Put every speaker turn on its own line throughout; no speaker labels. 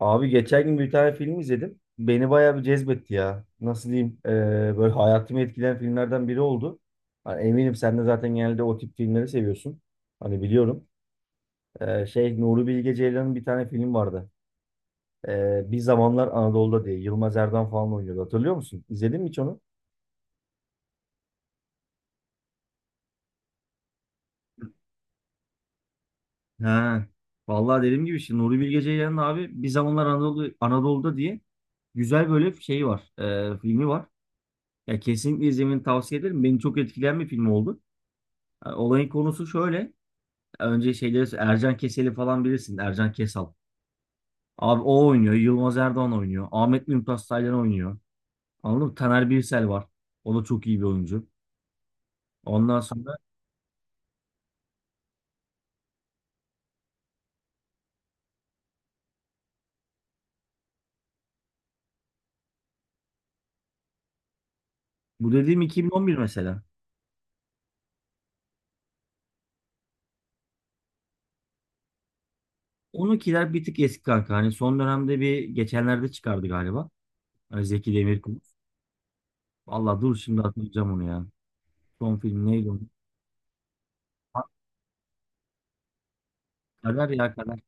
Abi geçen gün bir tane film izledim. Beni bayağı bir cezbetti ya. Nasıl diyeyim? Böyle hayatımı etkileyen filmlerden biri oldu. Hani eminim sen de zaten genelde o tip filmleri seviyorsun. Hani biliyorum. Nuri Bilge Ceylan'ın bir tane film vardı. Bir Zamanlar Anadolu'da diye. Yılmaz Erdoğan falan oynuyordu. Hatırlıyor musun? İzledin mi hiç onu? Ha. Vallahi dediğim gibi işte Nuri Bilge Ceylan'ın abi bir zamanlar Anadolu'da diye güzel böyle şey var. Filmi var. Ya kesinlikle izlemeni tavsiye ederim. Beni çok etkileyen bir film oldu. Olayın konusu şöyle. Önce şeyleri Ercan Keseli falan bilirsin. Ercan Kesal. Abi o oynuyor. Yılmaz Erdoğan oynuyor. Ahmet Mümtaz Taylan oynuyor. Anladın mı? Taner Birsel var. O da çok iyi bir oyuncu. Ondan sonra bu dediğim 2011 mesela. 12'ler bir tık eski kanka. Hani son dönemde bir geçenlerde çıkardı galiba. Hani Zeki Demirkubuz. Vallahi dur şimdi hatırlayacağım onu ya. Son film neydi onun? Ha, Kader ya Kader.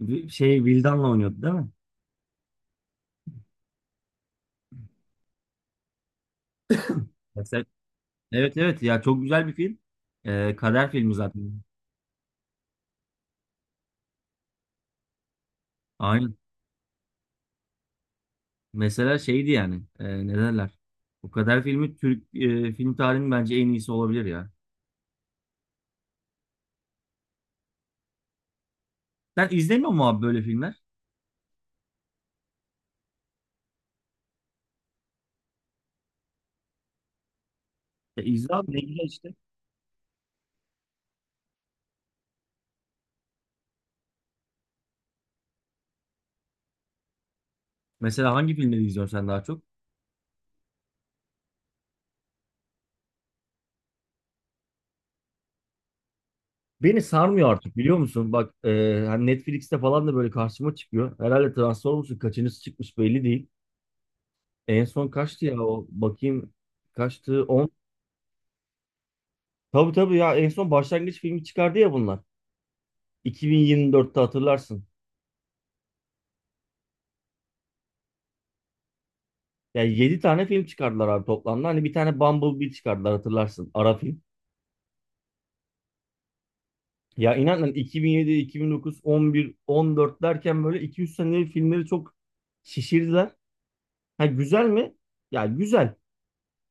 Bir Şey Vildan'la oynuyordu değil mi? Mesela- Evet evet ya çok güzel bir film. Kader filmi zaten. Aynen. Mesela şeydi yani. E, ne derler? O kadar filmi Türk film tarihinin bence en iyisi olabilir ya. Sen izlemiyor musun abi böyle filmler? Ya izle abi ne güzel işte. Mesela hangi filmleri izliyorsun sen daha çok? Beni sarmıyor artık biliyor musun? Bak hani Netflix'te falan da böyle karşıma çıkıyor. Herhalde Transformers'ın kaçıncısı çıkmış belli değil. En son kaçtı ya o bakayım kaçtı on. Tabii tabii ya en son başlangıç filmi çıkardı ya bunlar. 2024'te hatırlarsın. Ya 7 tane film çıkardılar abi toplamda. Hani bir tane Bumblebee çıkardılar hatırlarsın. Ara film. Ya inanın 2007, 2009, 11, 14 derken böyle 2-3 sene filmleri çok şişirdiler. Ha güzel mi? Ya güzel.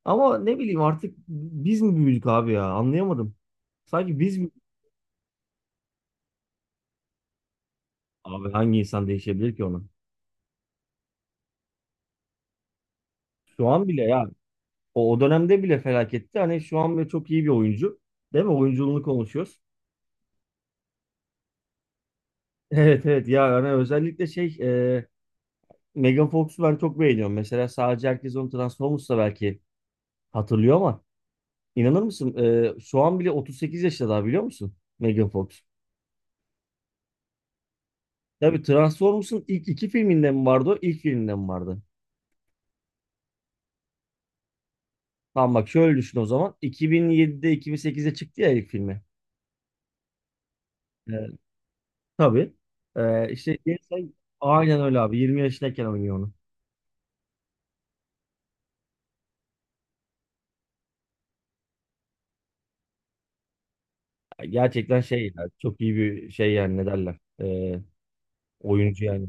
Ama ne bileyim artık biz mi büyüdük abi ya? Anlayamadım. Sanki biz mi? Abi hangi insan değişebilir ki ona? Şu an bile ya. O dönemde bile felaketti. Hani şu an bile çok iyi bir oyuncu. Değil mi? Oyunculuğunu konuşuyoruz. Evet evet ya hani özellikle Megan Fox'u ben çok beğeniyorum. Mesela sadece herkes onu Transformers'ta belki hatırlıyor ama inanır mısın? Şu an bile 38 yaşında daha biliyor musun? Megan Fox. Tabii Transformers'ın ilk iki filminde mi vardı o? İlk filminde mi vardı? Tamam bak şöyle düşün o zaman. 2007'de 2008'de çıktı ya ilk filmi. E, tabii. E, işte gençler- aynen öyle abi. 20 yaşındayken oynuyor onu. Gerçekten şey ya, çok iyi bir şey yani ne derler. Oyuncu yani.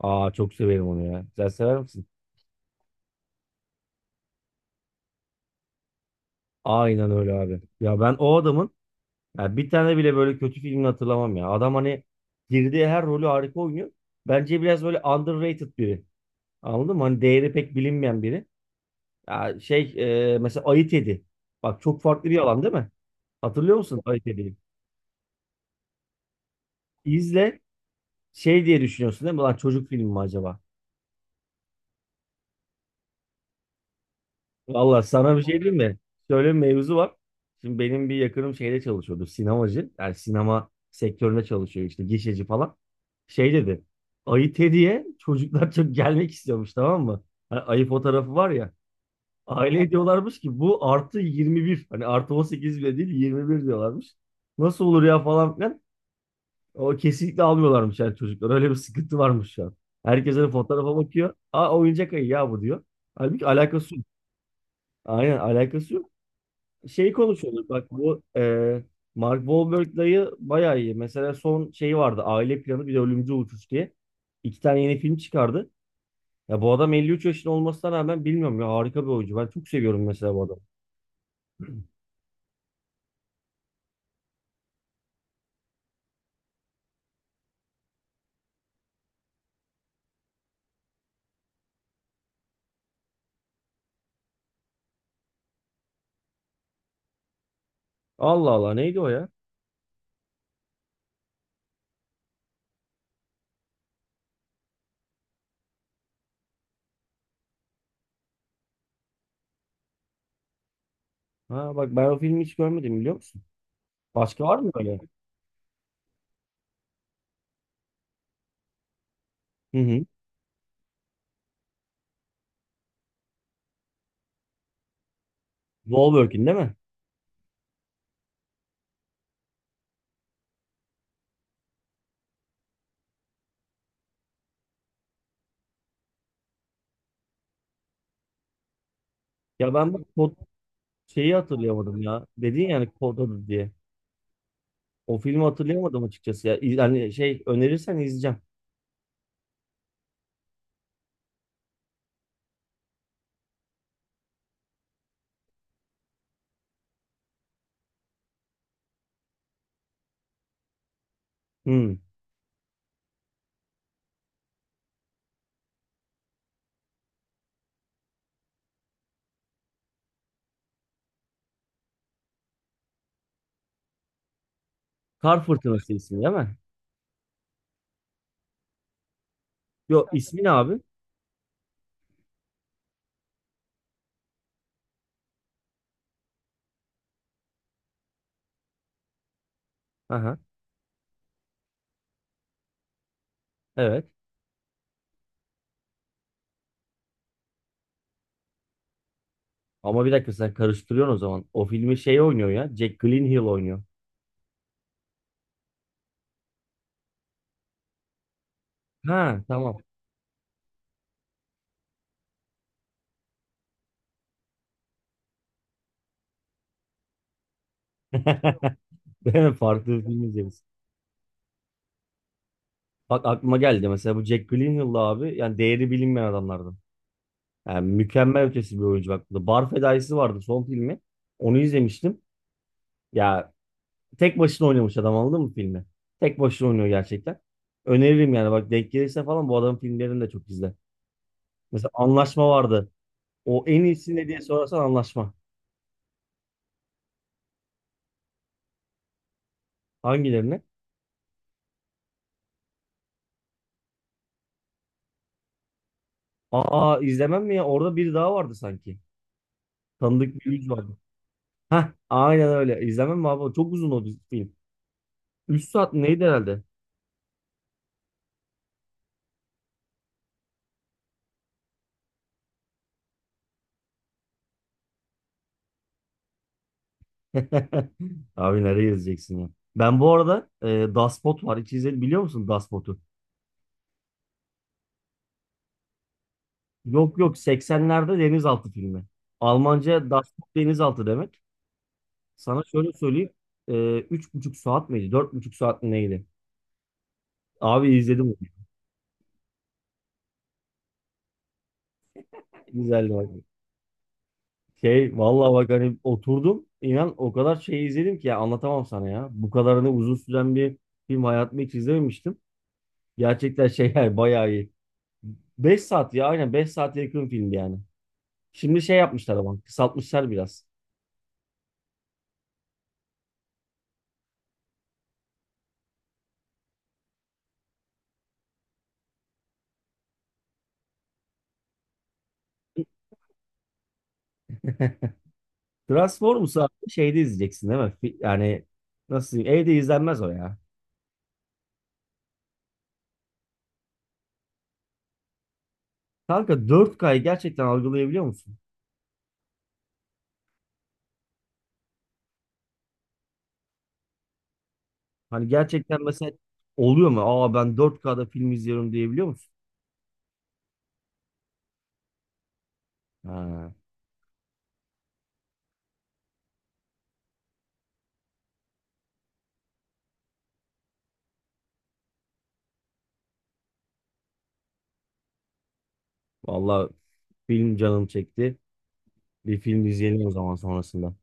Aa çok severim onu ya. Sen sever misin? Aynen öyle abi. Ya ben o adamın ya bir tane bile böyle kötü filmini hatırlamam ya. Adam hani girdiği her rolü harika oynuyor. Bence biraz böyle underrated biri. Anladın mı? Hani değeri pek bilinmeyen biri. Ya şey Mesela Ayı Tedi. Bak çok farklı bir alan değil mi? Hatırlıyor musun Ayı Tedi'yi? İzle şey diye düşünüyorsun değil mi? Lan çocuk filmi mi acaba? Valla sana bir şey diyeyim mi? Şöyle bir mevzu var. Şimdi benim bir yakınım şeyde çalışıyordu. Sinemacı. Yani sinema sektöründe çalışıyor işte. Gişeci falan. Şey dedi. Ayı Teddy'ye çocuklar çok gelmek istiyormuş tamam mı? Hani ayı fotoğrafı var ya. Aile diyorlarmış ki bu artı 21. Hani artı 18 bile değil 21 diyorlarmış. Nasıl olur ya falan filan. O kesinlikle almıyorlarmış yani çocuklar. Öyle bir sıkıntı varmış şu an. Herkes hani fotoğrafa bakıyor. Aa oyuncak ayı ya bu diyor. Halbuki alakası yok. Aynen alakası yok şey konuşuyorduk bak bu Mark Wahlberg dayı bayağı iyi. Mesela son şeyi vardı Aile Planı bir de Ölümcül Uçuş diye. İki tane yeni film çıkardı. Ya bu adam 53 yaşında olmasına rağmen bilmiyorum ya harika bir oyuncu. Ben çok seviyorum mesela bu adamı. Allah Allah neydi o ya? Ha bak ben o filmi hiç görmedim biliyor musun? Başka var mı öyle? Hı hı. Wahlberg'in değil mi? Ya ben bak kod şeyi hatırlayamadım ya. Dedin yani kod adı diye. O filmi hatırlayamadım açıkçası ya. İz- Yani şey önerirsen izleyeceğim. Hı. Kar Fırtınası ismi değil mi? Yo ismi ne abi? Aha, evet. Ama bir dakika sen karıştırıyorsun o zaman. O filmi şey oynuyor ya. Jack Gyllenhaal oynuyor. Ha tamam. Ben farklı bir film izleriz. Bak aklıma geldi mesela bu Jack Gyllenhaal'la abi yani değeri bilinmeyen adamlardan. Yani mükemmel ötesi bir oyuncu bak. The Bar Fedaisi vardı son filmi. Onu izlemiştim. Ya tek başına oynamış adam anladın mı filmi? Tek başına oynuyor gerçekten. Öneririm yani bak denk gelirse falan bu adamın filmlerini de çok izle. Mesela Anlaşma vardı. O en iyisi ne diye sorarsan Anlaşma. Hangilerini? Aa izlemem mi ya? Orada biri daha vardı sanki. Tanıdık bir yüz vardı. Heh aynen öyle. İzlemem mi abi? Çok uzun o dizi- film. 3 saat neydi herhalde? Abi nereye yazacaksın ya? Ben bu arada Dashboot var. Hiç izledin biliyor musun Dashboot'u? Yok yok 80'lerde denizaltı filmi. Almanca Dashboot denizaltı demek. Sana şöyle söyleyeyim. E, üç buçuk saat miydi? Dört buçuk saat mi neydi? Abi izledim onu. Güzeldi. Şey vallahi bak hani oturdum inan o kadar şey izledim ki ya anlatamam sana ya. Bu kadarını uzun süren bir film hayatımda hiç izlememiştim. Gerçekten şey yani bayağı iyi. Beş saat ya aynen 5 saate yakın film yani. Şimdi şey yapmışlar ama kısaltmışlar biraz. Transformers'ı abi şeyde izleyeceksin değil mi? Fi- Yani nasıl diyeyim evde izlenmez o ya. Kanka dört kyı gerçekten algılayabiliyor musun? Hani gerçekten mesela oluyor mu? Aa ben dört kda film izliyorum diyebiliyor musun? Ha. Vallahi film canım çekti. Bir film izleyelim o zaman sonrasında.